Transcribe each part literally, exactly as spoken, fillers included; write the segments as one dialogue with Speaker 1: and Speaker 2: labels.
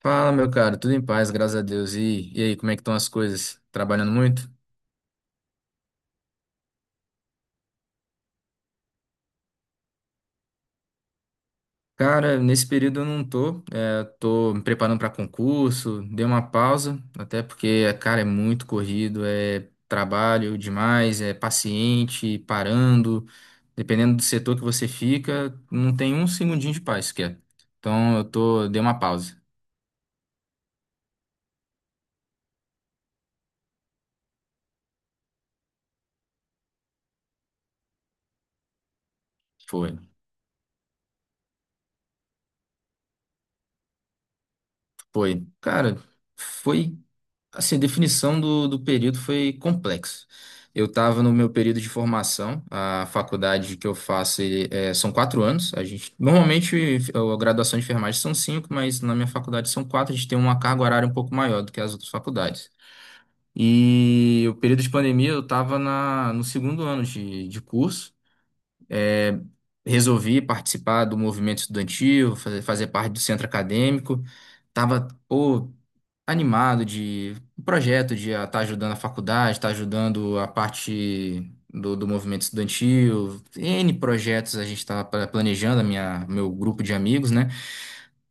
Speaker 1: Fala, meu cara, tudo em paz, graças a Deus. E, e aí, como é que estão as coisas? Trabalhando muito? Cara, nesse período eu não tô, é, tô me preparando para concurso, dei uma pausa, até porque, cara, é muito corrido, é trabalho demais, é paciente, parando, dependendo do setor que você fica, não tem um segundinho de paz sequer. Então eu tô, dei uma pausa. Foi, foi. Cara, foi. Assim, a definição do, do período foi complexo. Eu estava no meu período de formação, a faculdade que eu faço ele- é, são quatro anos. A gente, normalmente a graduação de enfermagem são cinco, mas na minha faculdade são quatro. A gente tem uma carga horária um pouco maior do que as outras faculdades. E o período de pandemia eu estava na, no segundo ano de, de curso. É, Resolvi participar do movimento estudantil, fazer, fazer parte do centro acadêmico. Tava, pô, animado de um projeto de estar ajudando a faculdade, estar ajudando a parte do, do movimento estudantil, N projetos a gente estava planejando, a minha, meu grupo de amigos, né?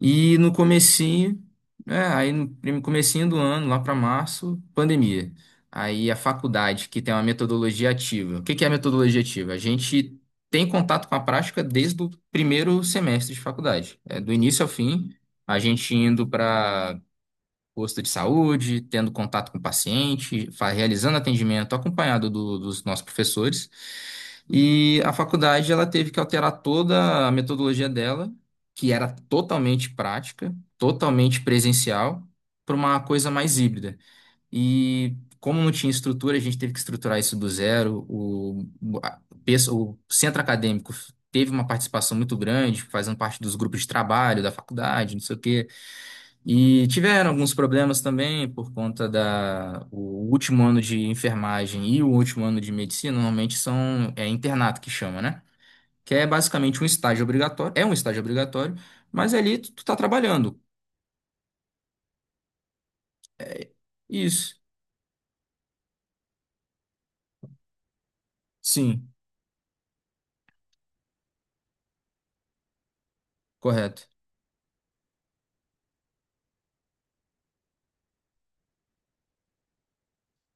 Speaker 1: E no comecinho, é, aí no prim- comecinho do ano, lá para março, pandemia. Aí a faculdade, que tem uma metodologia ativa. O que que é a metodologia ativa? A gente tem contato com a prática desde o primeiro semestre de faculdade, é, do início ao fim, a gente indo para posto de saúde, tendo contato com o paciente, fa- realizando atendimento acompanhado do- dos nossos professores. E a faculdade ela teve que alterar toda a metodologia dela, que era totalmente prática, totalmente presencial, para uma coisa mais híbrida. E como não tinha estrutura, a gente teve que estruturar isso do zero. O, o a- pesso- o centro acadêmico teve uma participação muito grande, fazendo parte dos grupos de trabalho da faculdade, não sei o quê. E tiveram alguns problemas também por conta da o último ano de enfermagem e o último ano de medicina, normalmente são é internato que chama, né? Que é basicamente um estágio obrigatório, é um estágio obrigatório, mas ali tu, tu tá trabalhando. É. Isso. Sim, correto.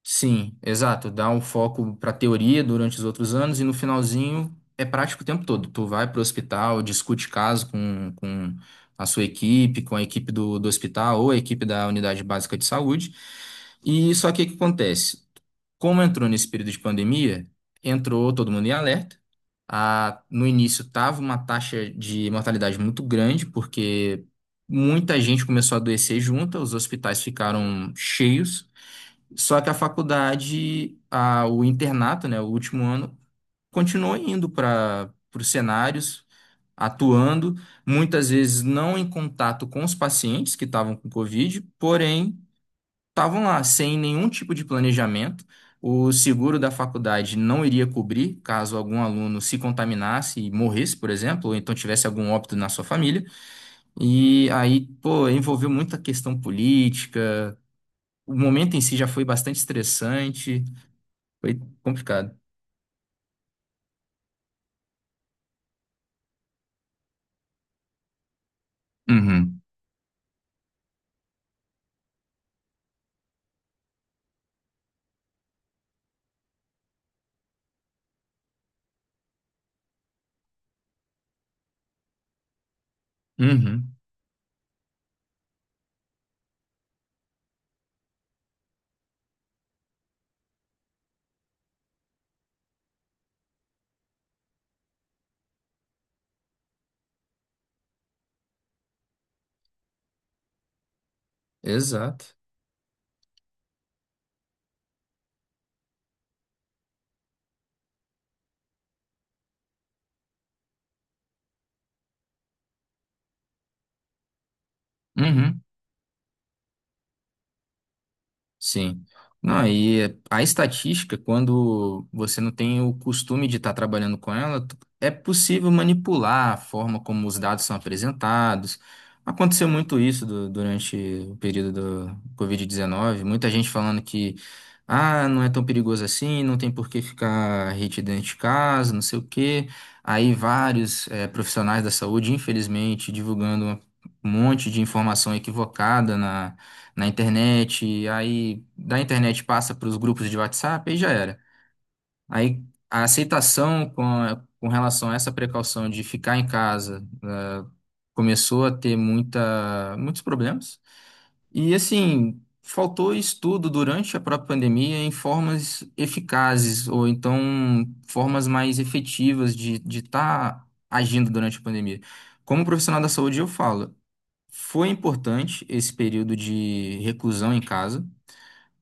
Speaker 1: Sim, exato. Dá um foco para teoria durante os outros anos e no finalzinho é prático o tempo todo. Tu vai para o hospital, discute caso com, com a sua equipe, com a equipe do, do hospital ou a equipe da unidade básica de saúde. E só que o que acontece? Como entrou nesse período de pandemia, entrou todo mundo em alerta. A, no início estava uma taxa de mortalidade muito grande, porque muita gente começou a adoecer junta, os hospitais ficaram cheios. Só que a faculdade, a- o internato, né, o último ano, continuou indo para os cenários, atuando, muitas vezes não em contato com os pacientes que estavam com Covid, porém estavam lá sem nenhum tipo de planejamento. O seguro da faculdade não iria cobrir caso algum aluno se contaminasse e morresse, por exemplo, ou então tivesse algum óbito na sua família. E aí, pô, envolveu muita questão política. O momento em si já foi bastante estressante. Foi complicado. Uhum, uhum, exato. Uhum. Sim. Não, e a estatística, quando você não tem o costume de estar trabalhando com ela, tu- é possível manipular a forma como os dados são apresentados. Aconteceu muito isso du- durante o período do Covid dezenove, muita gente falando que ah, não é tão perigoso assim, não tem por que ficar retidão de casa, não sei o quê. Aí vários eh, profissionais da saúde, infelizmente, divulgando um monte de informação equivocada na internet, aí da internet passa para os grupos de WhatsApp e já era. Aí a aceitação com, com relação a essa precaução de ficar em casa né, começou a ter muita, muitos problemas. E assim, faltou estudo durante a própria pandemia em formas eficazes, ou então formas mais efetivas de de estar agindo durante a pandemia. Como profissional da saúde, eu falo. Foi importante esse período de reclusão em casa,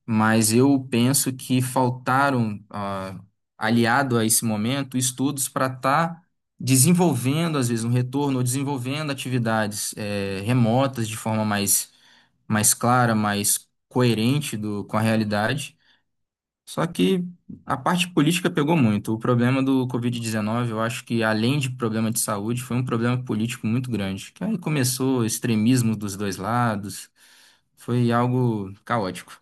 Speaker 1: mas eu penso que faltaram, ah, aliado a esse momento, estudos para estar desenvolvendo, às vezes, um retorno, ou desenvolvendo atividades, eh, remotas de forma mais, mais clara, mais coerente do, com a realidade. Só que a parte política pegou muito. O problema do Covid dezenove, eu acho que, além de problema de saúde, foi um problema político muito grande. Que aí começou extremismo dos dois lados, foi algo caótico.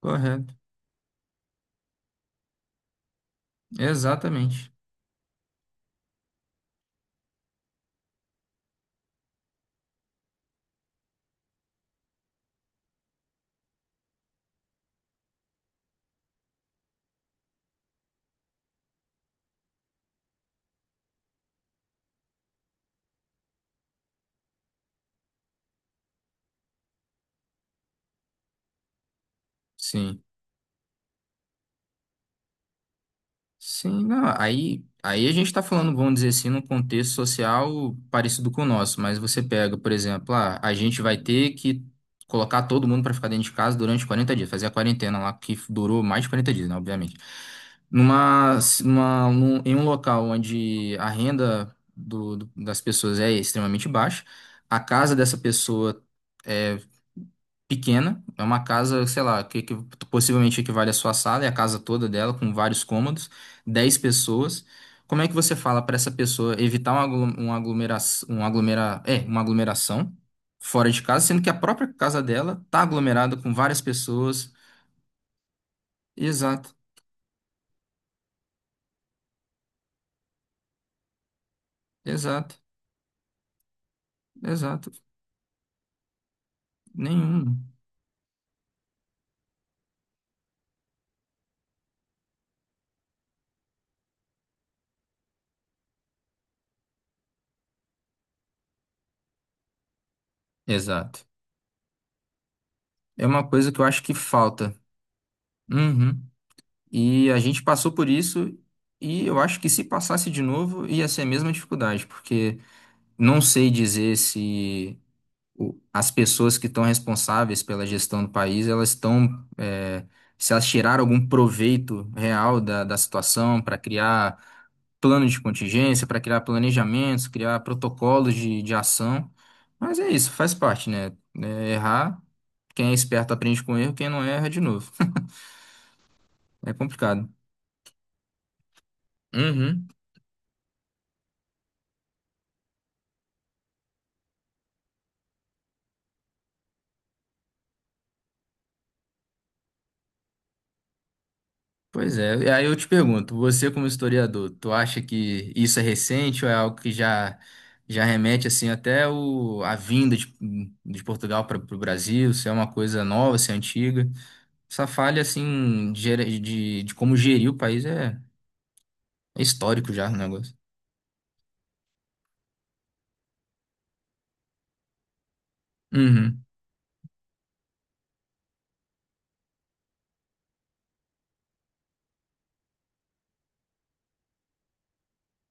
Speaker 1: Correto. Exatamente. Sim. Sim, não, aí, aí a gente está falando, vamos dizer assim, num contexto social parecido com o nosso, mas você pega, por exemplo, ah, a gente vai ter que colocar todo mundo para ficar dentro de casa durante quarenta dias, fazer a quarentena lá, que durou mais de quarenta dias, né, obviamente. Numa, numa, num- em um local onde a renda do, do- das pessoas é extremamente baixa, a casa dessa pessoa. É pequena, é uma casa, sei lá, que, que possivelmente equivale à sua sala, é a casa toda dela, com vários cômodos, dez pessoas. Como é que você fala para essa pessoa evitar uma, aglu- uma aglomeração, uma aglomera, é, uma aglomeração fora de casa, sendo que a própria casa dela tá aglomerada com várias pessoas? Exato, exato, exato. Nenhum. Exato. É uma coisa que eu acho que falta. Uhum. E a gente passou por isso, e eu acho que se passasse de novo, ia ser a mesma dificuldade, porque não sei dizer se o- as pessoas que estão responsáveis pela gestão do país, elas estão, é, se elas tiraram algum proveito real da, da situação para criar plano de contingência, para criar planejamentos, criar protocolos de, de ação. Mas é isso, faz parte, né? É, errar, quem é esperto aprende com erro, quem não erra de novo. É complicado. Uhum. Pois é, e aí eu te pergunto, você como historiador, tu acha que isso é recente ou é algo que já já remete assim até o, a vinda de, de Portugal para o Brasil, se é uma coisa nova, se é antiga? Essa falha assim de, gere- de, de como gerir o país é, é histórico já o negócio. Uhum,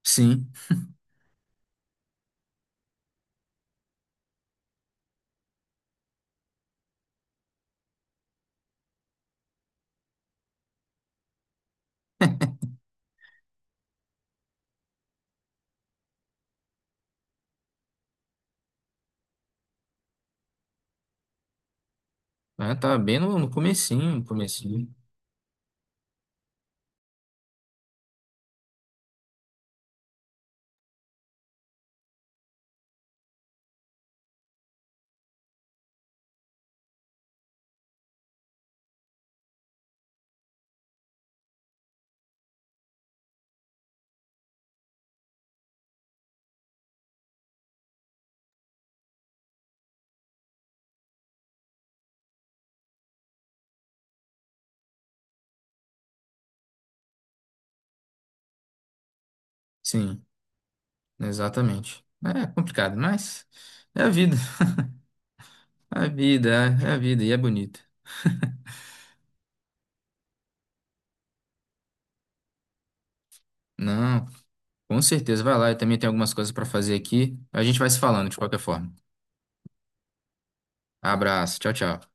Speaker 1: sim, ah, tá bem no, no comecinho, no comecinho. Sim, exatamente. É complicado, mas é a vida, é a vida, é é a vida e é bonita. Não. Com certeza, vai lá. Eu também tenho algumas coisas para fazer aqui. A gente vai se falando de qualquer forma. Abraço. Tchau, tchau.